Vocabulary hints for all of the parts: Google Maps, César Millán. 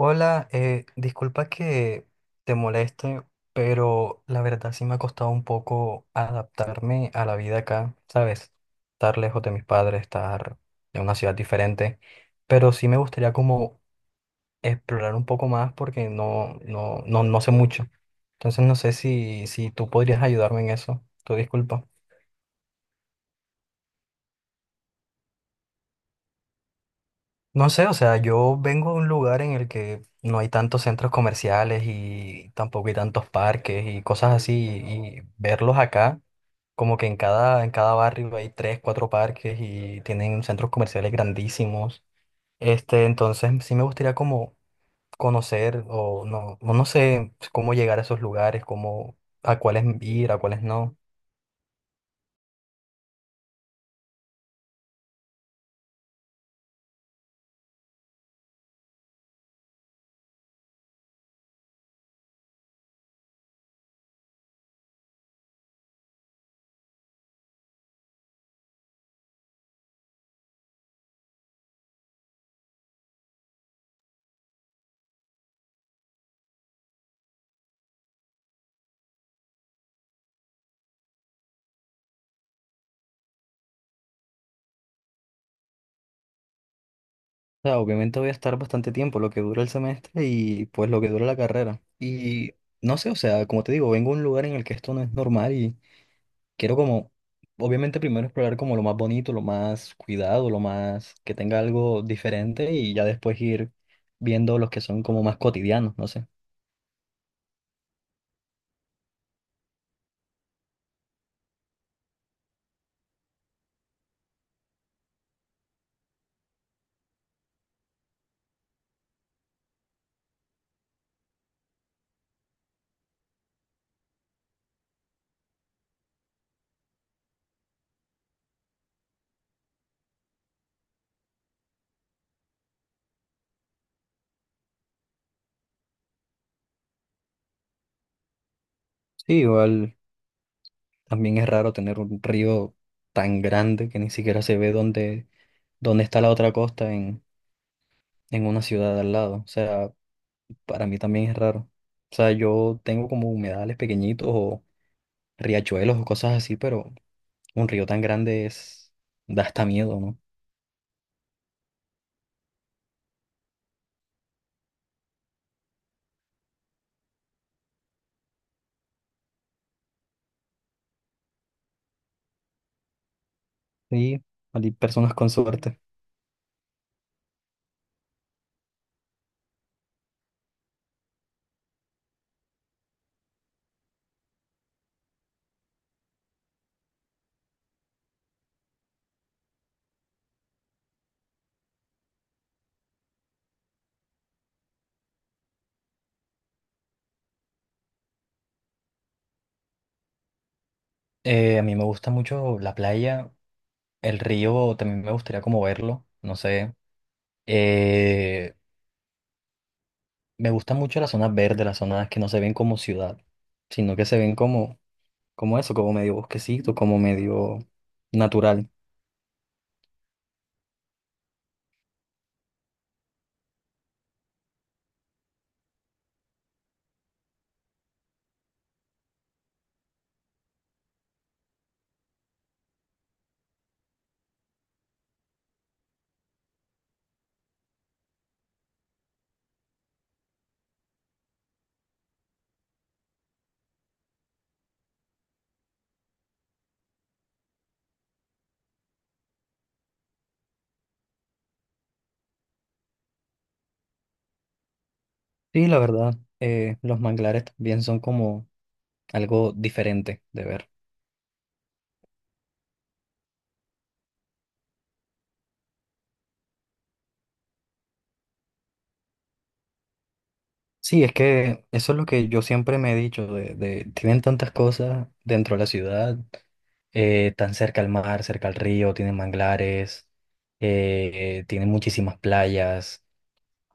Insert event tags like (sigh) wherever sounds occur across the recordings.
Hola, disculpa que te moleste, pero la verdad sí me ha costado un poco adaptarme a la vida acá, ¿sabes? Estar lejos de mis padres, estar en una ciudad diferente, pero sí me gustaría como explorar un poco más porque no sé mucho. Entonces no sé si tú podrías ayudarme en eso. Tu disculpa. No sé, o sea, yo vengo de un lugar en el que no hay tantos centros comerciales y tampoco hay tantos parques y cosas así, y verlos acá, como que en cada barrio hay tres, cuatro parques y tienen centros comerciales grandísimos. Este, entonces sí me gustaría como conocer o no sé cómo llegar a esos lugares, cómo, a cuáles ir, a cuáles no. O sea, obviamente voy a estar bastante tiempo, lo que dura el semestre y pues lo que dura la carrera. Y no sé, o sea, como te digo, vengo a un lugar en el que esto no es normal y quiero como, obviamente primero explorar como lo más bonito, lo más cuidado, lo más que tenga algo diferente y ya después ir viendo los que son como más cotidianos, no sé. Sí, igual también es raro tener un río tan grande que ni siquiera se ve dónde está la otra costa en una ciudad al lado. O sea, para mí también es raro. O sea, yo tengo como humedales pequeñitos o riachuelos o cosas así, pero un río tan grande es, da hasta miedo, ¿no? Sí, hay personas con suerte. A mí me gusta mucho la playa, el río también me gustaría como verlo, no sé. Eh, Me gusta mucho las zonas verdes, las zonas que no se ven como ciudad, sino que se ven como, como eso, como medio bosquecito, como medio natural. Sí, la verdad, los manglares también son como algo diferente de ver. Sí, es que eso es lo que yo siempre me he dicho, tienen tantas cosas dentro de la ciudad, tan cerca al mar, cerca al río, tienen manglares, tienen muchísimas playas,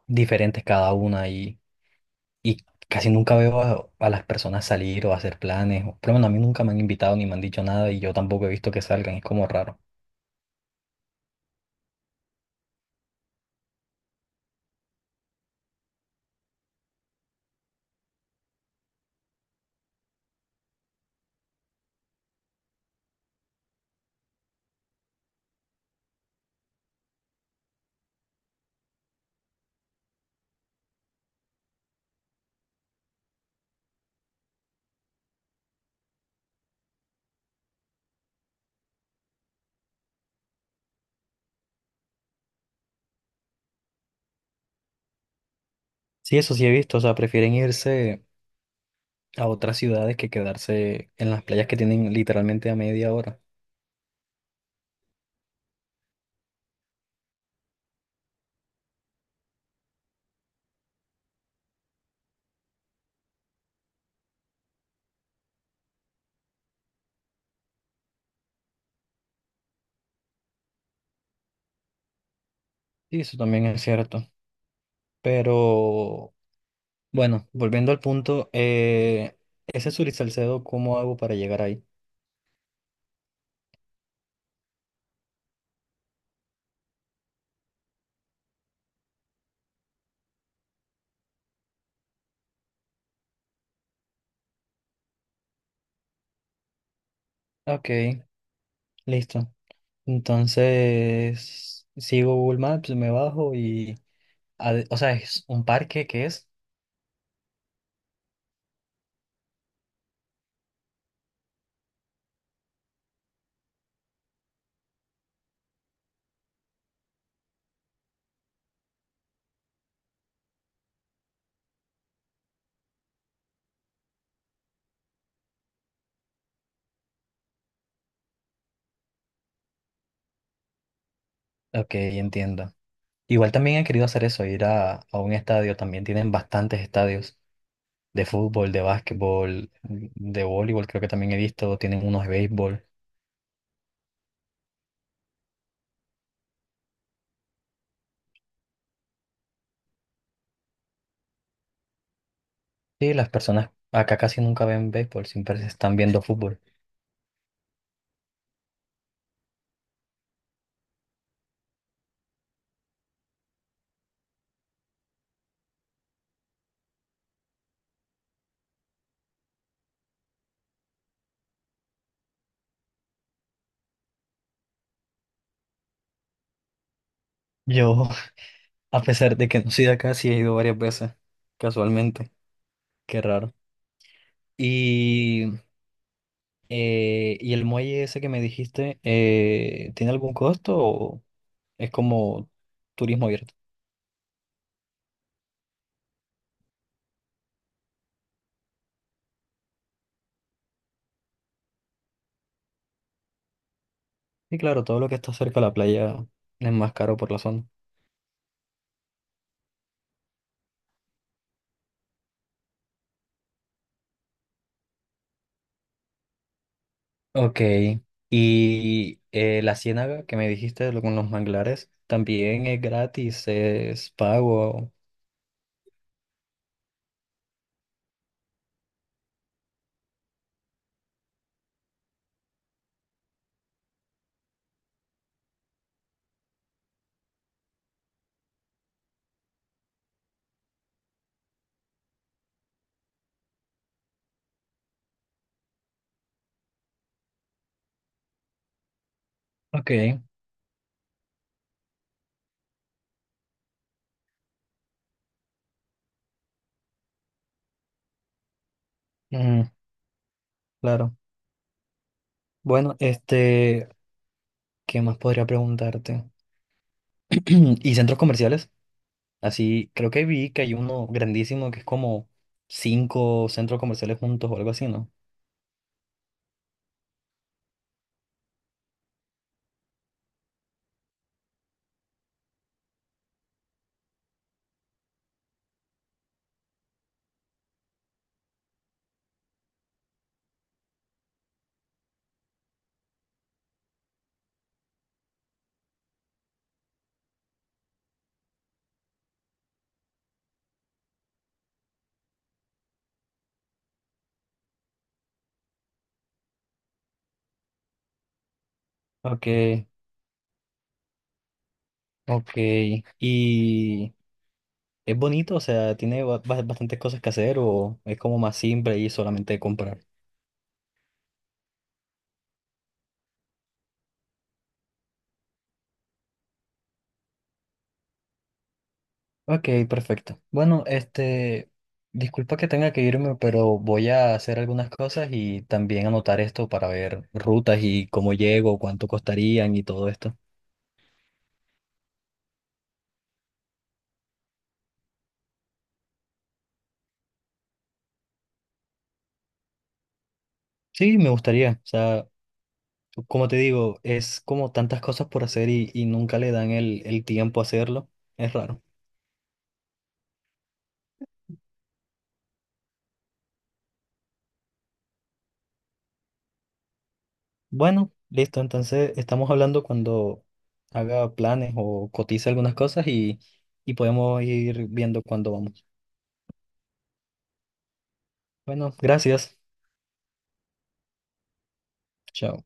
diferentes cada una, y casi nunca veo a las personas salir o hacer planes, o- por lo menos a mí nunca me han invitado ni me han dicho nada, y yo tampoco he visto que salgan, es como raro. Sí, eso sí he visto, o sea, prefieren irse a otras ciudades que quedarse en las playas que tienen literalmente a 1/2 hora. Sí, eso también es cierto. Pero bueno, volviendo al punto, ese Sur y Salcedo, ¿cómo hago para llegar ahí? Ok, listo. Entonces, sigo Google Maps, me bajo y... O sea, es un parque que es... Ok, entiendo. Igual también he querido hacer eso, ir a un estadio. También tienen bastantes estadios de fútbol, de básquetbol, de voleibol, creo que también he visto, tienen unos de béisbol. Sí, las personas acá casi nunca ven béisbol, siempre se están viendo fútbol. Yo, (laughs) a pesar de que no soy de acá, sí he ido varias veces, casualmente, qué raro. Y, ¿Y el muelle ese que me dijiste, tiene algún costo o es como turismo abierto? Sí, claro, todo lo que está cerca de la playa es más caro por la zona. Ok, y la ciénaga que me dijiste con los manglares también es gratis, es pago. Ok, mm, claro. Bueno, este, ¿qué más podría preguntarte? (clears throat) ¿Y centros comerciales? Así, creo que vi que hay uno grandísimo que es como 5 centros comerciales juntos o algo así, ¿no? Ok, ok. ¿Y es bonito? O sea, ¿tiene bastantes cosas que hacer o es como más simple y solamente comprar? Ok, perfecto. Bueno, este, disculpa que tenga que irme, pero voy a hacer algunas cosas y también anotar esto para ver rutas y cómo llego, cuánto costarían y todo esto. Sí, me gustaría. O sea, como te digo, es como tantas cosas por hacer y nunca le dan el tiempo a hacerlo. Es raro. Bueno, listo. Entonces, estamos hablando cuando haga planes o cotice algunas cosas y podemos ir viendo cuándo vamos. Bueno, gracias. Chao.